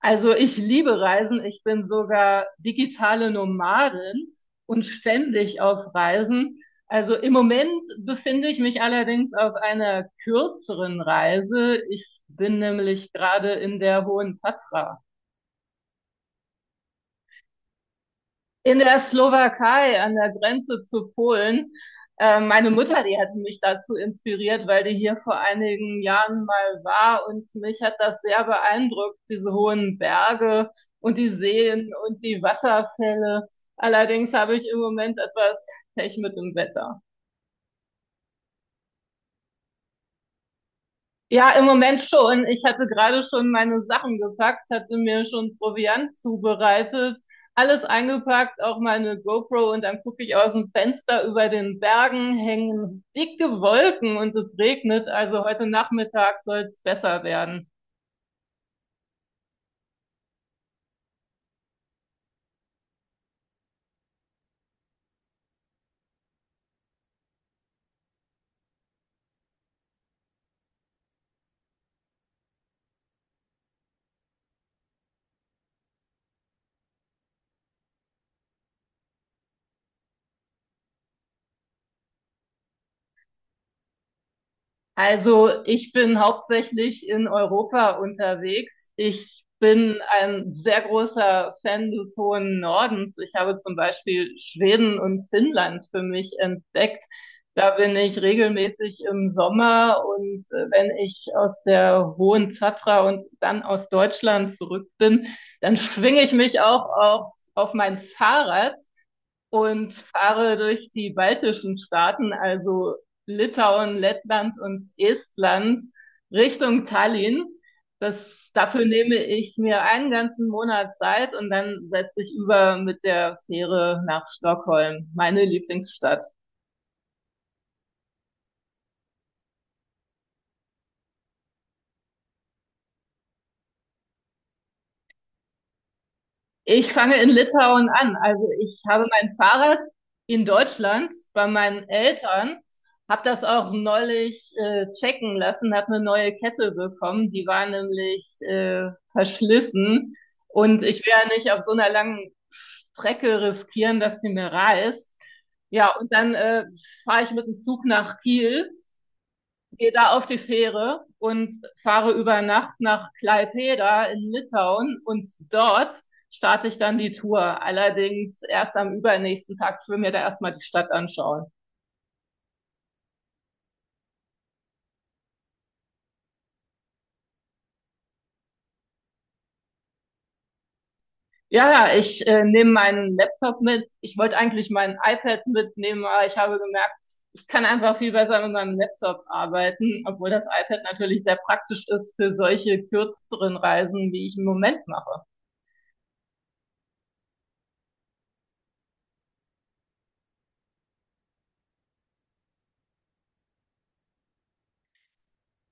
Also ich liebe Reisen. Ich bin sogar digitale Nomadin und ständig auf Reisen. Also im Moment befinde ich mich allerdings auf einer kürzeren Reise. Ich bin nämlich gerade in der Hohen Tatra. In der Slowakei an der Grenze zu Polen. Meine Mutter, die hatte mich dazu inspiriert, weil die hier vor einigen Jahren mal war und mich hat das sehr beeindruckt, diese hohen Berge und die Seen und die Wasserfälle. Allerdings habe ich im Moment etwas Pech mit dem Wetter. Ja, im Moment schon. Ich hatte gerade schon meine Sachen gepackt, hatte mir schon Proviant zubereitet, alles eingepackt, auch meine GoPro und dann gucke ich aus dem Fenster, über den Bergen hängen dicke Wolken und es regnet. Also heute Nachmittag soll es besser werden. Also ich bin hauptsächlich in Europa unterwegs. Ich bin ein sehr großer Fan des hohen Nordens. Ich habe zum Beispiel Schweden und Finnland für mich entdeckt. Da bin ich regelmäßig im Sommer und wenn ich aus der Hohen Tatra und dann aus Deutschland zurück bin, dann schwinge ich mich auch auf mein Fahrrad und fahre durch die baltischen Staaten, also Litauen, Lettland und Estland, Richtung Tallinn. Dafür nehme ich mir 1 ganzen Monat Zeit und dann setze ich über mit der Fähre nach Stockholm, meine Lieblingsstadt. Ich fange in Litauen an. Also ich habe mein Fahrrad in Deutschland bei meinen Eltern, habe das auch neulich checken lassen, habe eine neue Kette bekommen, die war nämlich verschlissen und ich will ja nicht auf so einer langen Strecke riskieren, dass die mir reißt. Ja, und dann fahre ich mit dem Zug nach Kiel, gehe da auf die Fähre und fahre über Nacht nach Klaipeda in Litauen und dort starte ich dann die Tour. Allerdings erst am übernächsten Tag. Ich will mir da erstmal die Stadt anschauen. Ja, ja, ich nehme meinen Laptop mit. Ich wollte eigentlich mein iPad mitnehmen, aber ich habe gemerkt, ich kann einfach viel besser mit meinem Laptop arbeiten, obwohl das iPad natürlich sehr praktisch ist für solche kürzeren Reisen, wie ich im Moment mache.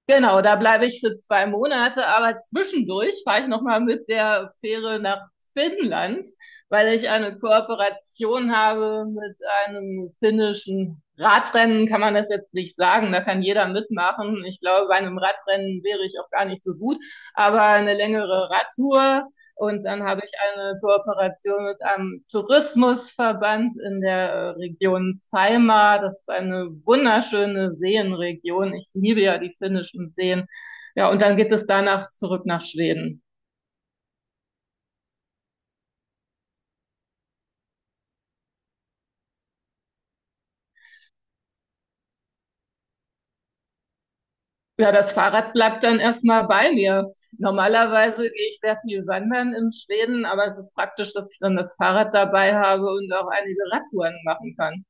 Genau, da bleibe ich für 2 Monate, aber zwischendurch fahre ich noch mal mit der Fähre nach Finnland, weil ich eine Kooperation habe mit einem finnischen Radrennen, kann man das jetzt nicht sagen, da kann jeder mitmachen. Ich glaube, bei einem Radrennen wäre ich auch gar nicht so gut, aber eine längere Radtour, und dann habe ich eine Kooperation mit einem Tourismusverband in der Region Saimaa. Das ist eine wunderschöne Seenregion. Ich liebe ja die finnischen Seen. Ja, und dann geht es danach zurück nach Schweden. Ja, das Fahrrad bleibt dann erstmal bei mir. Normalerweise gehe ich sehr viel wandern in Schweden, aber es ist praktisch, dass ich dann das Fahrrad dabei habe und auch einige Radtouren machen kann.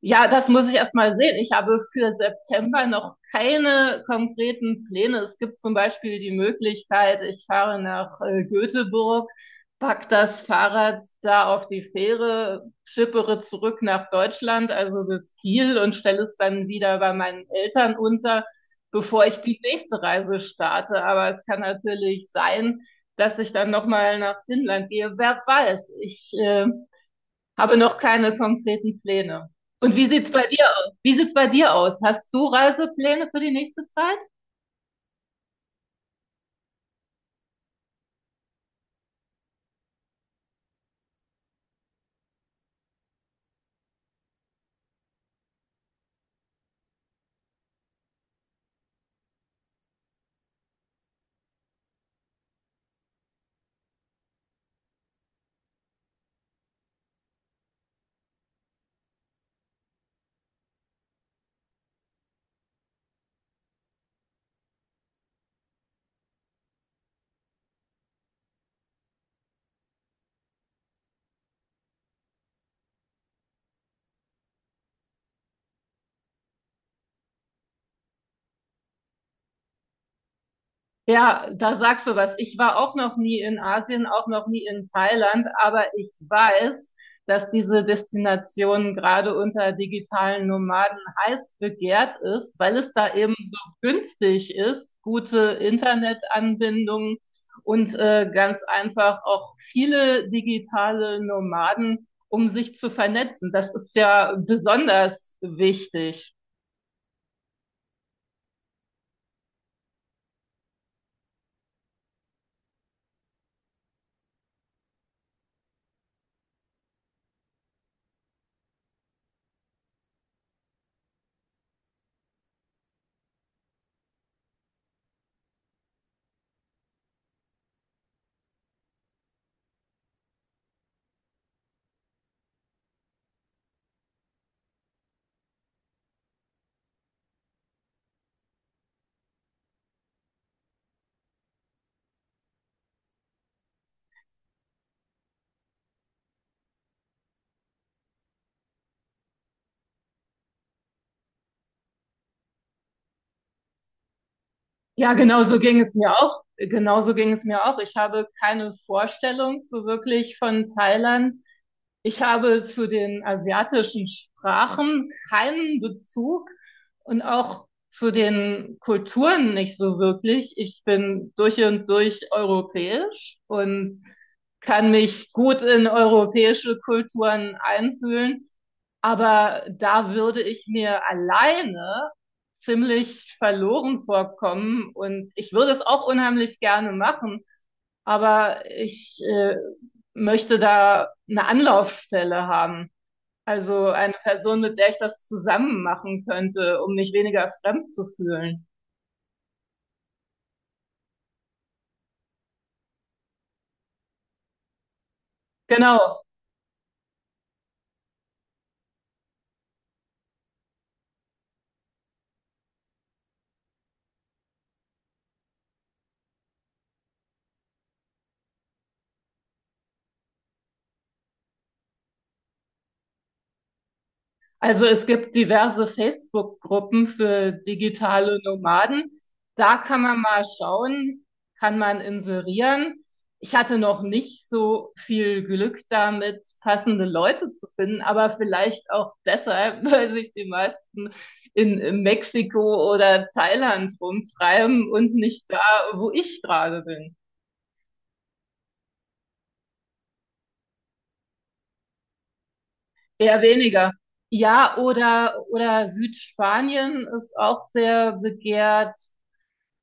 Ja, das muss ich erst mal sehen. Ich habe für September noch keine konkreten Pläne. Es gibt zum Beispiel die Möglichkeit, ich fahre nach Göteborg, pack das Fahrrad da auf die Fähre, schippere zurück nach Deutschland, also bis Kiel, und stelle es dann wieder bei meinen Eltern unter, bevor ich die nächste Reise starte. Aber es kann natürlich sein, dass ich dann nochmal nach Finnland gehe. Wer weiß, ich habe noch keine konkreten Pläne. Und wie sieht's bei dir aus? Wie sieht's bei dir aus? Hast du Reisepläne für die nächste Zeit? Ja, da sagst du was. Ich war auch noch nie in Asien, auch noch nie in Thailand, aber ich weiß, dass diese Destination gerade unter digitalen Nomaden heiß begehrt ist, weil es da eben so günstig ist, gute Internetanbindungen und ganz einfach auch viele digitale Nomaden, um sich zu vernetzen. Das ist ja besonders wichtig. Ja, genau so ging es mir auch. Genauso ging es mir auch. Ich habe keine Vorstellung so wirklich von Thailand. Ich habe zu den asiatischen Sprachen keinen Bezug und auch zu den Kulturen nicht so wirklich. Ich bin durch und durch europäisch und kann mich gut in europäische Kulturen einfühlen. Aber da würde ich mir alleine ziemlich verloren vorkommen. Und ich würde es auch unheimlich gerne machen, aber ich möchte da eine Anlaufstelle haben. Also eine Person, mit der ich das zusammen machen könnte, um mich weniger fremd zu fühlen. Genau. Also es gibt diverse Facebook-Gruppen für digitale Nomaden. Da kann man mal schauen, kann man inserieren. Ich hatte noch nicht so viel Glück damit, passende Leute zu finden, aber vielleicht auch deshalb, weil sich die meisten in Mexiko oder Thailand rumtreiben und nicht da, wo ich gerade bin. Eher weniger. Ja, oder Südspanien ist auch sehr begehrt.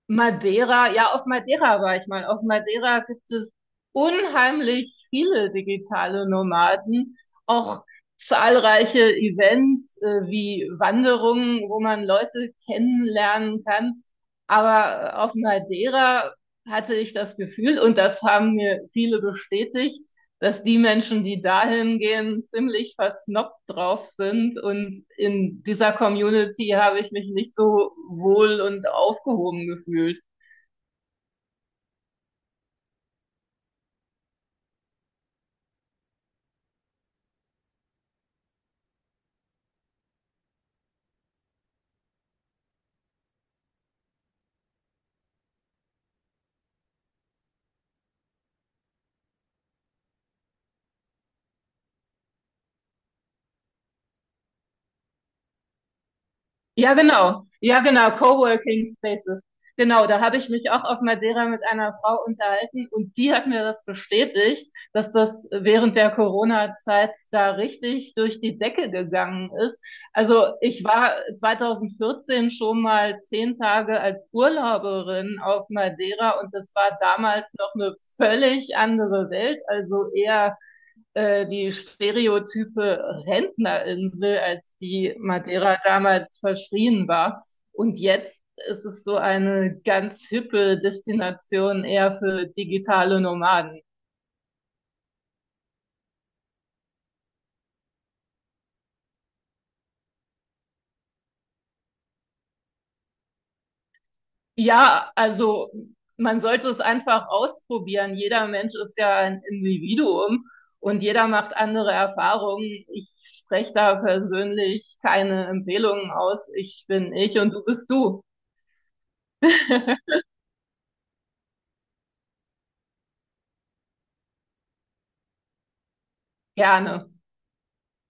Madeira, ja, auf Madeira war ich mal. Auf Madeira gibt es unheimlich viele digitale Nomaden, auch zahlreiche Events wie Wanderungen, wo man Leute kennenlernen kann. Aber auf Madeira hatte ich das Gefühl, und das haben mir viele bestätigt, dass die Menschen, die dahin gehen, ziemlich versnoppt drauf sind. Und in dieser Community habe ich mich nicht so wohl und aufgehoben gefühlt. Ja, genau. Ja, genau. Coworking Spaces. Genau, da habe ich mich auch auf Madeira mit einer Frau unterhalten und die hat mir das bestätigt, dass das während der Corona-Zeit da richtig durch die Decke gegangen ist. Also ich war 2014 schon mal 10 Tage als Urlauberin auf Madeira und das war damals noch eine völlig andere Welt, also eher die stereotype Rentnerinsel, als die Madeira damals verschrien war. Und jetzt ist es so eine ganz hippe Destination eher für digitale Nomaden. Ja, also man sollte es einfach ausprobieren. Jeder Mensch ist ja ein Individuum und jeder macht andere Erfahrungen. Ich spreche da persönlich keine Empfehlungen aus. Ich bin ich und du bist du. Gerne.